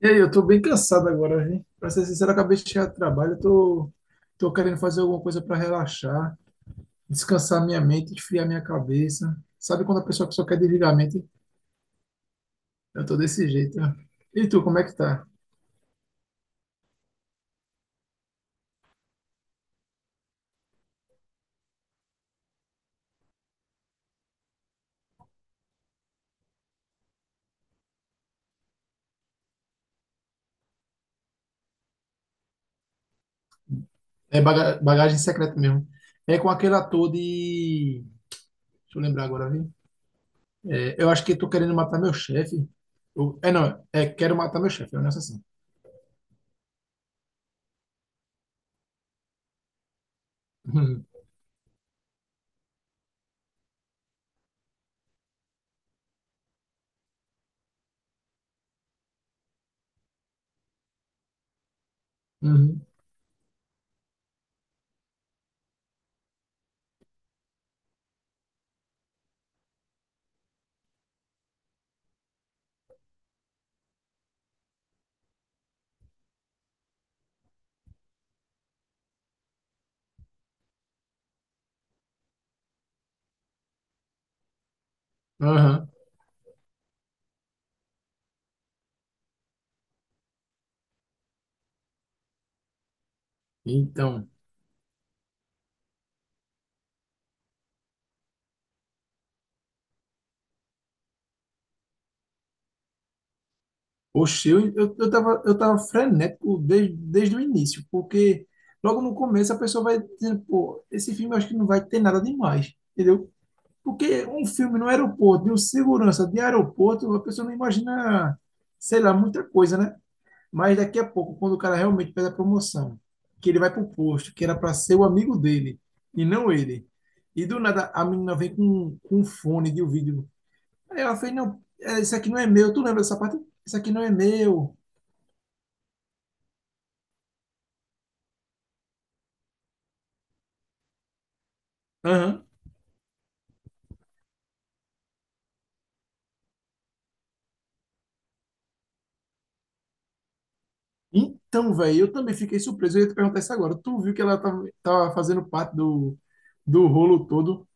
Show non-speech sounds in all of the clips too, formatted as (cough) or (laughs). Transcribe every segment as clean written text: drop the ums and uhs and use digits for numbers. E aí, eu tô bem cansado agora, hein? Pra ser sincero, eu acabei de chegar do trabalho, eu tô querendo fazer alguma coisa para relaxar, descansar minha mente, esfriar minha cabeça. Sabe quando a pessoa só quer desligar a mente? Eu tô desse jeito. Ó. E tu, como é que tá? É bagagem secreta mesmo. É com aquele ator de. Deixa eu lembrar agora, viu? É, eu acho que tô querendo matar meu chefe. É, não, é quero matar meu chefe, é um negócio assim. (laughs) Uhum, uhum, aham. Então. Oxe, eu tava frenético desde o início, porque logo no começo a pessoa vai dizendo, pô, esse filme eu acho que não vai ter nada demais, entendeu? Porque um filme no aeroporto, de um segurança de aeroporto, a pessoa não imagina, sei lá, muita coisa, né? Mas daqui a pouco, quando o cara realmente pede a promoção, que ele vai pro posto, que era para ser o amigo dele, e não ele. E do nada a menina vem com um fone de ouvido. Aí ela fez, não, é, isso aqui não é meu, tu lembra dessa parte? Isso aqui não é meu. Aham. Então, velho, eu também fiquei surpreso. Eu ia te perguntar isso agora. Tu viu que ela tava fazendo parte do rolo todo,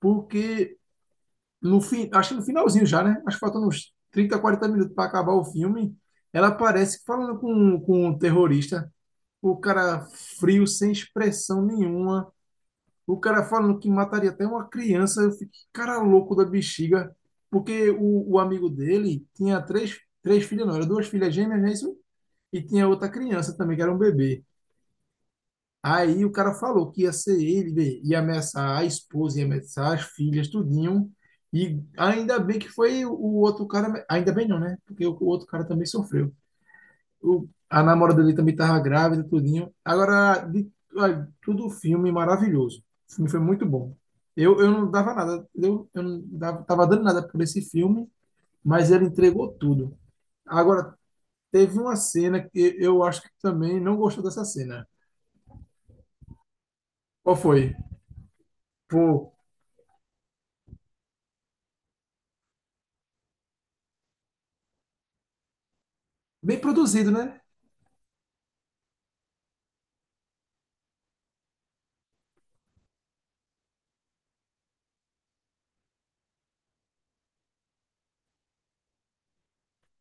porque no fim, acho que no finalzinho já, né? Acho que faltando uns 30, 40 minutos para acabar o filme, ela aparece falando com um terrorista, o cara frio, sem expressão nenhuma, o cara falando que mataria até uma criança. Eu fiquei, cara louco da bexiga, porque o amigo dele tinha três filhas, não, era duas filhas gêmeas, né? Isso e tinha outra criança também, que era um bebê. Aí o cara falou que ia ser ele, bem, ia ameaçar a esposa, ia ameaçar as filhas, tudinho. E ainda bem que foi o outro cara, ainda bem não, né? Porque o outro cara também sofreu. A namorada dele também estava grávida, tudinho. Agora, olha, tudo filme maravilhoso. O filme foi muito bom. Eu não dava nada, eu não tava dando nada por esse filme, mas ele entregou tudo. Agora, teve uma cena que eu acho que também não gostou dessa cena. Qual foi? Pô, bem produzido, né?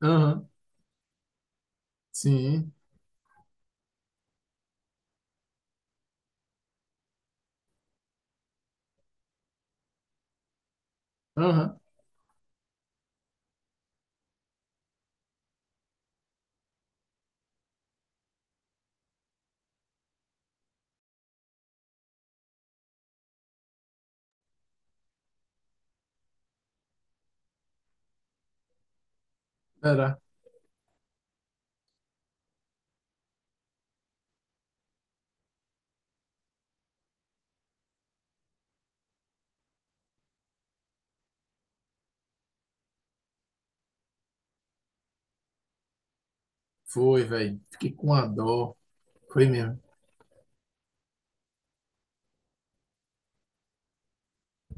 Aham, sim. Aham, era. Foi, velho. Fiquei com a dó. Foi mesmo.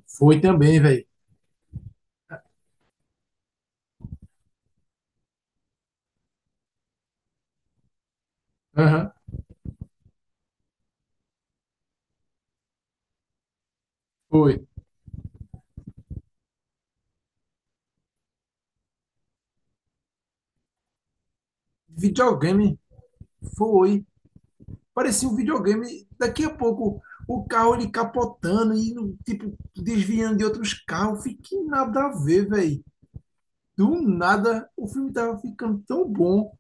Foi também, velho. Aham, foi. Videogame, foi. Parecia um videogame. Daqui a pouco, o carro ele capotando e, tipo, desviando de outros carros. Fiquei nada a ver, velho. Do nada, o filme tava ficando tão bom.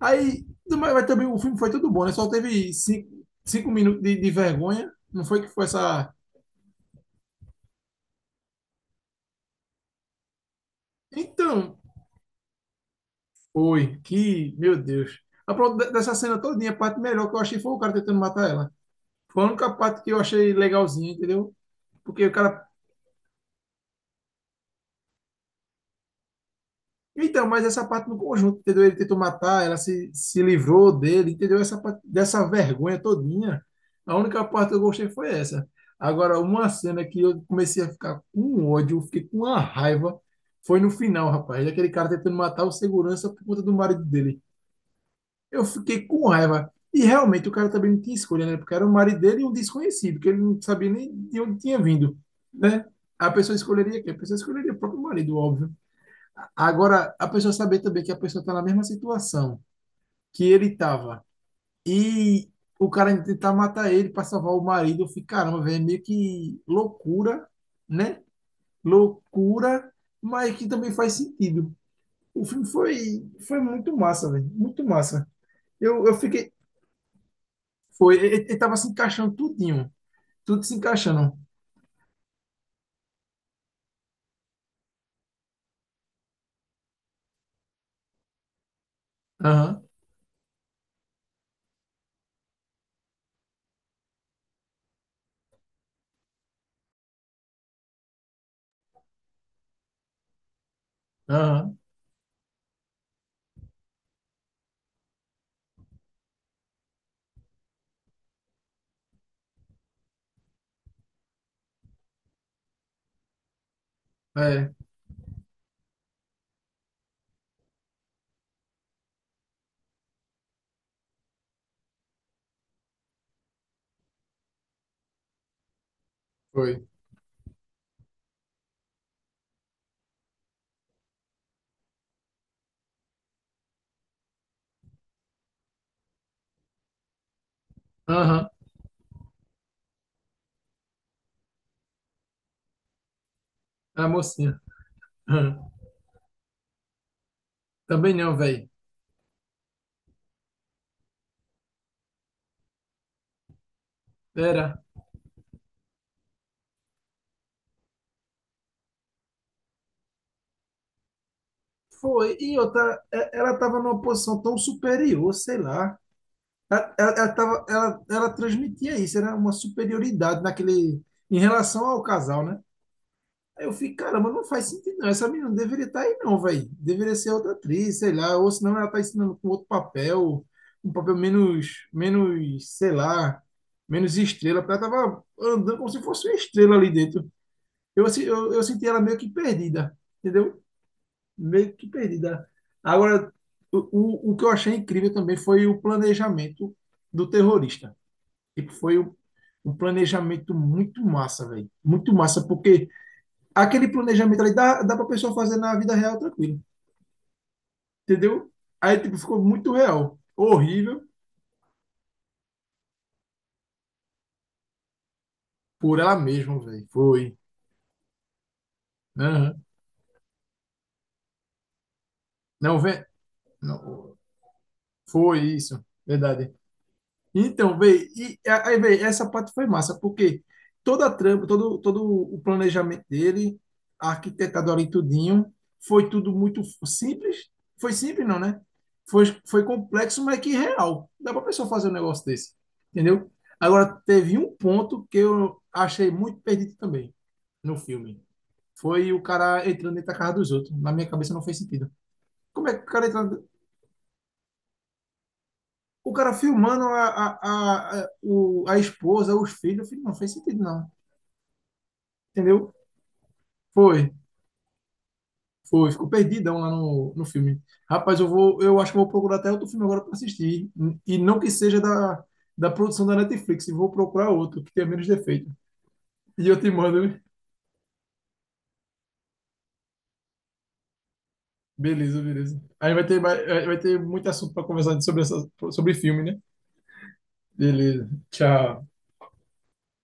Aí, mas também o filme foi tudo bom, né? Só teve cinco minutos de vergonha. Não foi que foi essa. Então, foi, que, meu Deus. Dessa cena todinha, a parte melhor que eu achei foi o cara tentando matar ela. Foi a única parte que eu achei legalzinha, entendeu? Porque o cara. Então, mas essa parte no conjunto, entendeu? Ele tentou matar, ela se livrou dele, entendeu? Essa parte dessa vergonha todinha. A única parte que eu gostei foi essa. Agora, uma cena que eu comecei a ficar com ódio, fiquei com uma raiva, foi no final, rapaz. Aquele cara tentando matar o segurança por conta do marido dele. Eu fiquei com raiva. E realmente o cara também não tinha escolha, né? Porque era o marido dele e um desconhecido, que ele não sabia nem de onde tinha vindo, né? A pessoa escolheria quem? A pessoa escolheria o próprio marido, óbvio. Agora, a pessoa saber também que a pessoa está na mesma situação que ele estava e o cara ainda tentar matar ele para salvar o marido, eu fico, caramba, velho, é meio que loucura, né? Loucura, mas que também faz sentido. O filme foi muito massa, velho, muito massa. Eu fiquei. Foi, ele tava se encaixando tudinho, tudo se encaixando. Aham, aham, é, foi. Aham, a mocinha. Aham. Também não, velho. Era. Foi, e outra, ela tava numa posição tão superior, sei lá. Ela transmitia isso, era uma superioridade naquele, em relação ao casal, né? Aí eu fiquei, caramba, não faz sentido não. Essa menina não deveria estar aí não, velho. Deveria ser outra atriz, sei lá. Ou senão ela tá ensinando com outro papel, um papel menos, sei lá, menos estrela. Porque ela tava andando como se fosse uma estrela ali dentro. Eu, assim, eu senti ela meio que perdida, entendeu? Meio que perdida. Agora, o, o que eu achei incrível também foi o planejamento do terrorista. Tipo, foi um planejamento muito massa, velho. Muito massa, porque aquele planejamento ali dá pra pessoa fazer na vida real tranquilo, entendeu? Aí, tipo, ficou muito real. Horrível por ela mesma, velho. Foi. Aham. Não, vem. Não, foi isso. Verdade. Então, véi, e aí, véi, essa parte foi massa, porque toda a trama, todo o planejamento dele, arquitetado ali tudinho, foi tudo muito simples. Foi simples, não, né? Foi complexo, mas que real. Dá pra pessoa fazer um negócio desse, entendeu? Agora, teve um ponto que eu achei muito perdido também no filme. Foi o cara entrando dentro da casa dos outros. Na minha cabeça não fez sentido. Como é que o cara entra. O cara filmando a esposa, os filhos, eu falei, não fez sentido, não. Entendeu? Foi, foi, ficou perdidão lá no filme. Rapaz, eu acho que eu vou procurar até outro filme agora para assistir. E não que seja da produção da Netflix, eu vou procurar outro que tenha menos defeito. E eu te mando, né? Beleza, beleza. Aí vai ter muito assunto para conversar sobre filme, né? Beleza. Tchau.